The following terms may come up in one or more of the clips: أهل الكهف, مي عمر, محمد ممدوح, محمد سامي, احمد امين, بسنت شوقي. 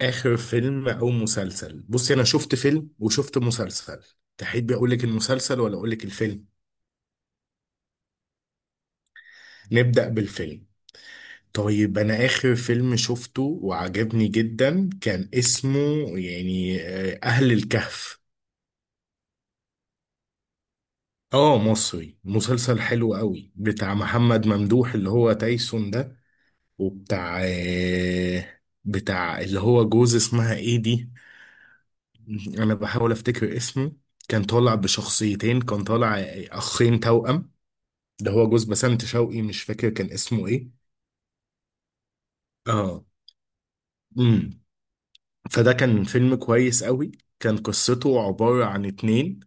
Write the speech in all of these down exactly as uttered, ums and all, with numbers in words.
اخر فيلم او مسلسل، بصي انا شفت فيلم وشفت مسلسل. تحبي اقول لك المسلسل ولا اقول لك الفيلم؟ نبدأ بالفيلم. طيب انا اخر فيلم شفته وعجبني جدا كان اسمه يعني آه، اهل الكهف. اه مصري، مسلسل حلو قوي بتاع محمد ممدوح اللي هو تايسون ده، وبتاع آه، بتاع اللي هو جوز اسمها ايه دي. انا بحاول افتكر اسمه. كان طالع بشخصيتين، كان طالع اخين توأم. ده هو جوز بسنت شوقي، مش فاكر كان اسمه ايه. اه. امم فده كان فيلم كويس قوي. كان قصته عبارة عن اتنين،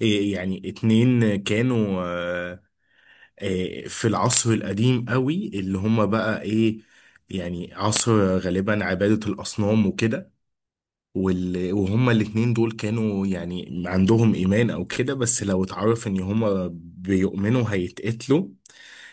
إيه يعني اتنين كانوا آه، آه، في العصر القديم قوي اللي هما بقى ايه، يعني عصر غالبا عبادة الأصنام وكده. وال- وهما الاتنين دول كانوا يعني عندهم إيمان أو كده، بس لو اتعرف إن هما بيؤمنوا هيتقتلوا.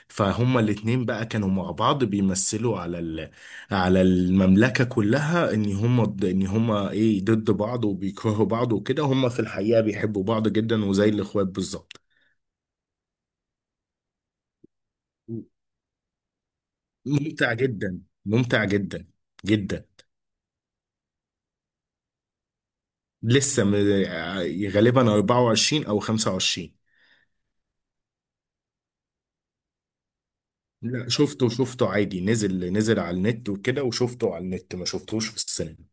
فهما الاتنين بقى كانوا مع بعض بيمثلوا على ال... على المملكة كلها ان هما ضد- ان هما ايه ضد بعض وبيكرهوا بعض وكده، هما في الحقيقة بيحبوا بعض جدا وزي الاخوات بالظبط. ممتع جدا، ممتع جدا جدا. لسه م... غالبا أربعة وعشرين او خمسة وعشرين. لا شفته، شفته عادي، نزل نزل على النت وكده وشفته على النت، ما شفتوش في السينما.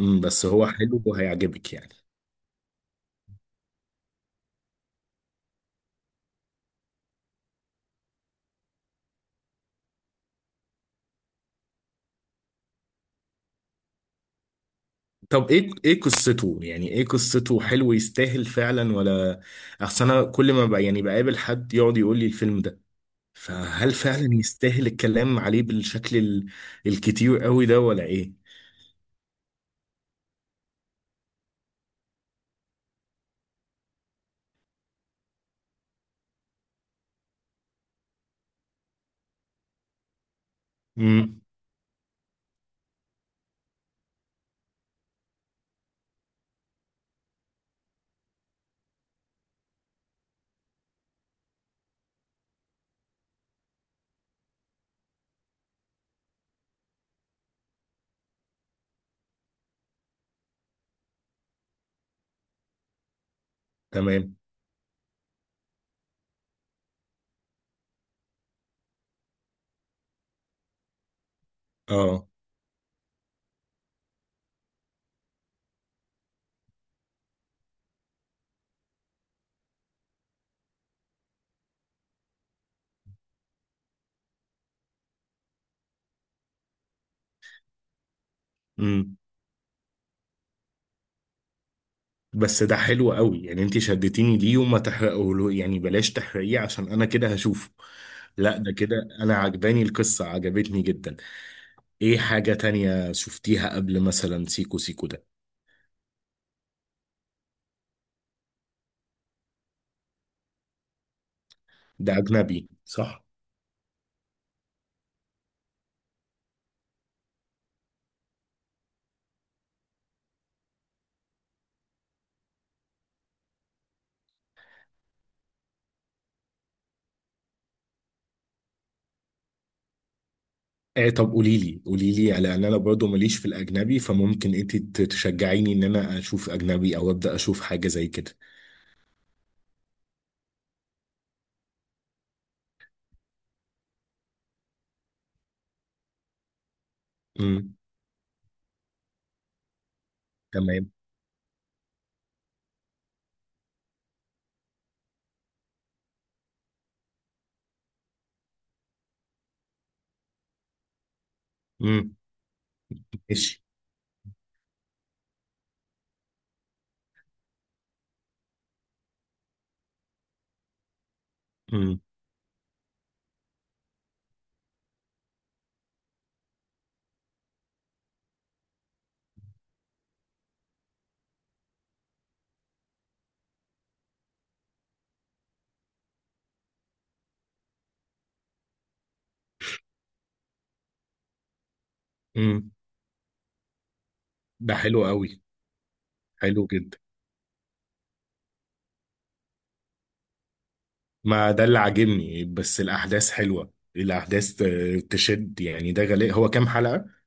أمم، بس هو حلو وهيعجبك يعني. طب ايه، ايه قصته، يعني ايه قصته؟ حلو يستاهل فعلا ولا؟ اصل انا كل ما بقى يعني بقابل حد يقعد يقول لي الفيلم ده، فهل فعلا يستاهل الكلام عليه بالشكل ال... الكتير قوي ده ولا ايه؟ امم. تمام. اه. امم بس ده حلو قوي، يعني انت شدتيني ليه، وما تحرقه يعني، بلاش تحرقيه عشان انا كده هشوفه. لا ده كده، انا عجباني القصة، عجبتني جدا. ايه حاجة تانية شفتيها قبل مثلا سيكو سيكو ده؟ ده اجنبي صح؟ آه طب قولي لي، قولي لي، لان انا برضه ماليش في الاجنبي، فممكن انت ت- تشجعيني ان انا اشوف اجنبي او ابدا اشوف حاجه زي كده. امم. تمام. امم. ماشي. امم. امم. ده حلو قوي، حلو جدا. ما ده اللي عاجبني، بس الاحداث حلوه، الاحداث ت- تشد يعني. ده غالي، هو كام حلقه؟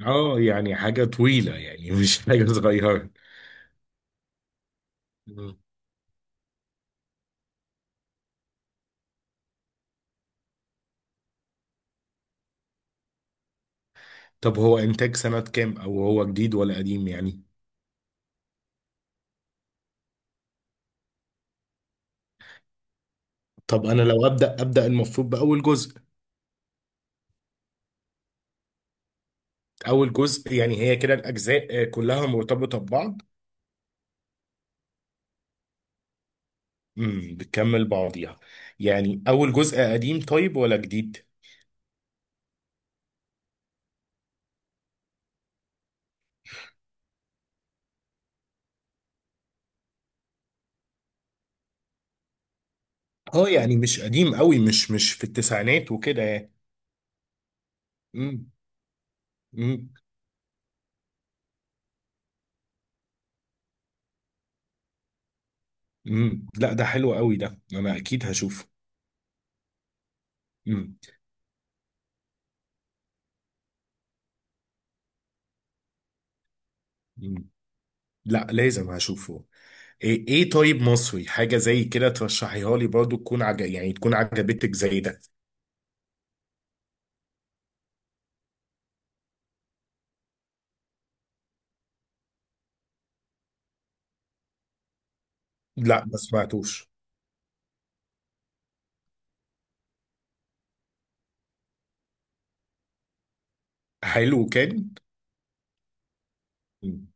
اه يعني حاجه طويله يعني، مش حاجه صغيره. مم. طب هو انتاج سنه كام، او هو جديد ولا قديم يعني؟ طب انا لو ابدا ابدا المفروض باول جزء. اول جزء، يعني هي كده الاجزاء آه، كلها مرتبطه ببعض؟ امم، بتكمل بعضيها. يعني اول جزء قديم طيب ولا جديد؟ اه يعني مش قديم قوي، مش مش في التسعينات وكده يعني. امم. امم. امم، لا ده حلو قوي، ده انا اكيد هشوفه. امم. امم. لا لازم هشوفه. ايه، ايه طيب مصري حاجه زي كده ترشحيها لي برضو، تكون عج... يعني تكون عجبتك زي ده؟ لا ما سمعتوش. حلو كان. مم.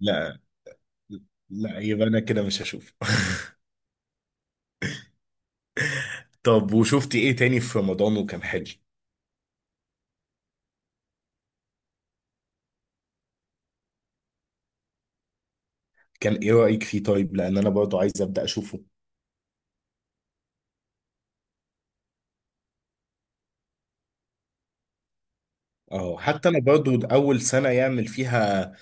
لا. لا يبقى انا كده مش هشوف. طب وشفتي ايه تاني في رمضان وكان حلو؟ كان ايه رأيك فيه طيب، لان انا برضو عايز ابدأ اشوفه. اه، حتى انا برضو اول سنة يعمل فيها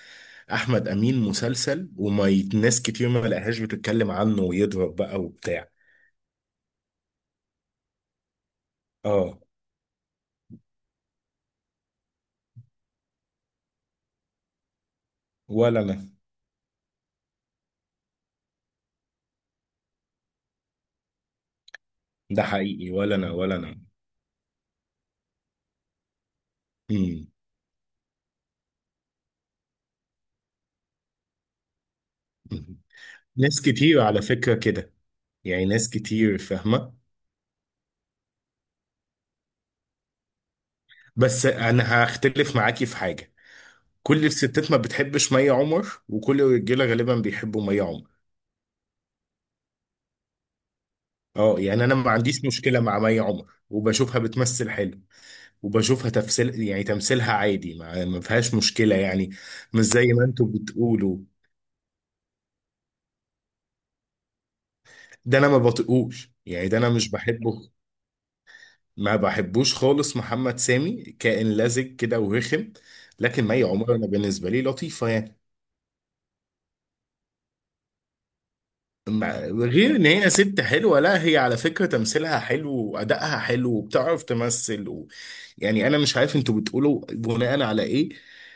احمد امين مسلسل، وما يت- ناس كتير ما لقاهاش بتتكلم عنه ويضرب بقى وبتاع. اه. ولا انا. ده حقيقي، ولا انا ولا انا. مم. مم. ناس كتير على فكرة كده، يعني ناس كتير فاهمة. بس انا هختلف معاكي في حاجة، كل الستات ما بتحبش مي عمر، وكل الرجاله غالبا بيحبوا مي عمر. اه يعني انا ما عنديش مشكله مع مي عمر، وبشوفها بتمثل حلو، وبشوفها تمثيل يعني تمثيلها عادي، ما, ما فيهاش مشكله يعني، مش زي ما انتوا بتقولوا. ده انا ما بطيقوش يعني، ده انا مش بحبه. ما بحبوش خالص محمد سامي، كائن لزج كده ورخم. لكن مي عمر انا بالنسبه لي لطيفه يعني. مع- غير ان هي ست حلوه، لا هي على فكره تمثيلها حلو، وادائها حلو، وبتعرف تمثل و... يعني انا مش عارف انتوا بتقولوا بناء على ايه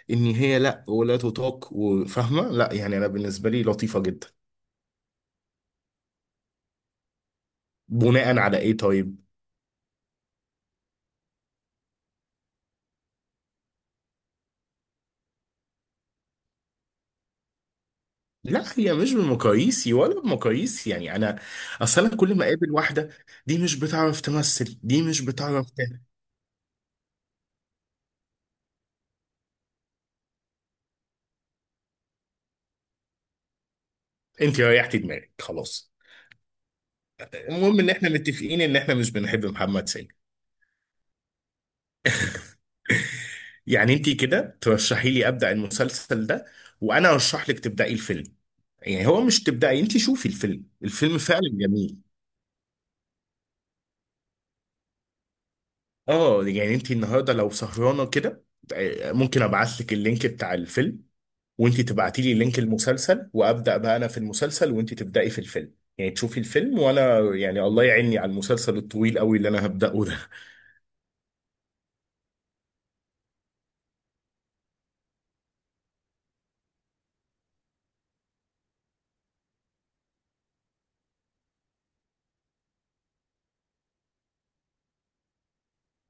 ان هي لا ولا تطاق وفاهمه، لا، يعني انا بالنسبه لي لطيفه جدا. بناء على ايه طيب؟ لا هي مش بمقاييسي ولا بمقاييس يعني انا، اصلا كل ما اقابل واحده، دي مش بتعرف تمثل، دي مش بتعرف ت- انت ريحتي دماغك خلاص. المهم ان احنا متفقين ان احنا مش بنحب محمد سامي. يعني انت كده ترشحي لي ابدا المسلسل ده، وانا ارشح لك تبداي الفيلم. يعني هو مش تبداي، انت شوفي الفيلم، الفيلم فعلا جميل. اه يعني انت النهارده لو سهرانه كده، آه، ممكن ابعت لك اللينك بتاع الفيلم، وانت تبعتي لي لينك المسلسل، وابدا بقى انا في المسلسل وانت تبداي في الفيلم، يعني تشوفي الفيلم، وانا يعني الله يعيني على المسلسل الطويل قوي اللي انا هبداه ده.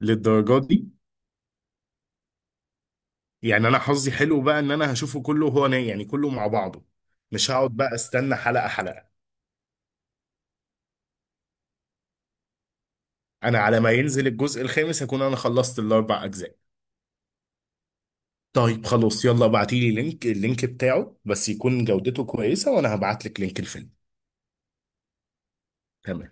للدرجه دي؟ يعني انا حظي حلو بقى ان انا هشوفه كله، هو أنا- يعني كله مع بعضه، مش هقعد بقى استنى حلقه حلقه. انا على ما ينزل الجزء الخامس هكون انا خلصت الاربع اجزاء. طيب خلاص يلا ابعتيلي لينك اللينك بتاعه، بس يكون جودته كويسة، وانا هبعتلك لينك الفيلم. تمام.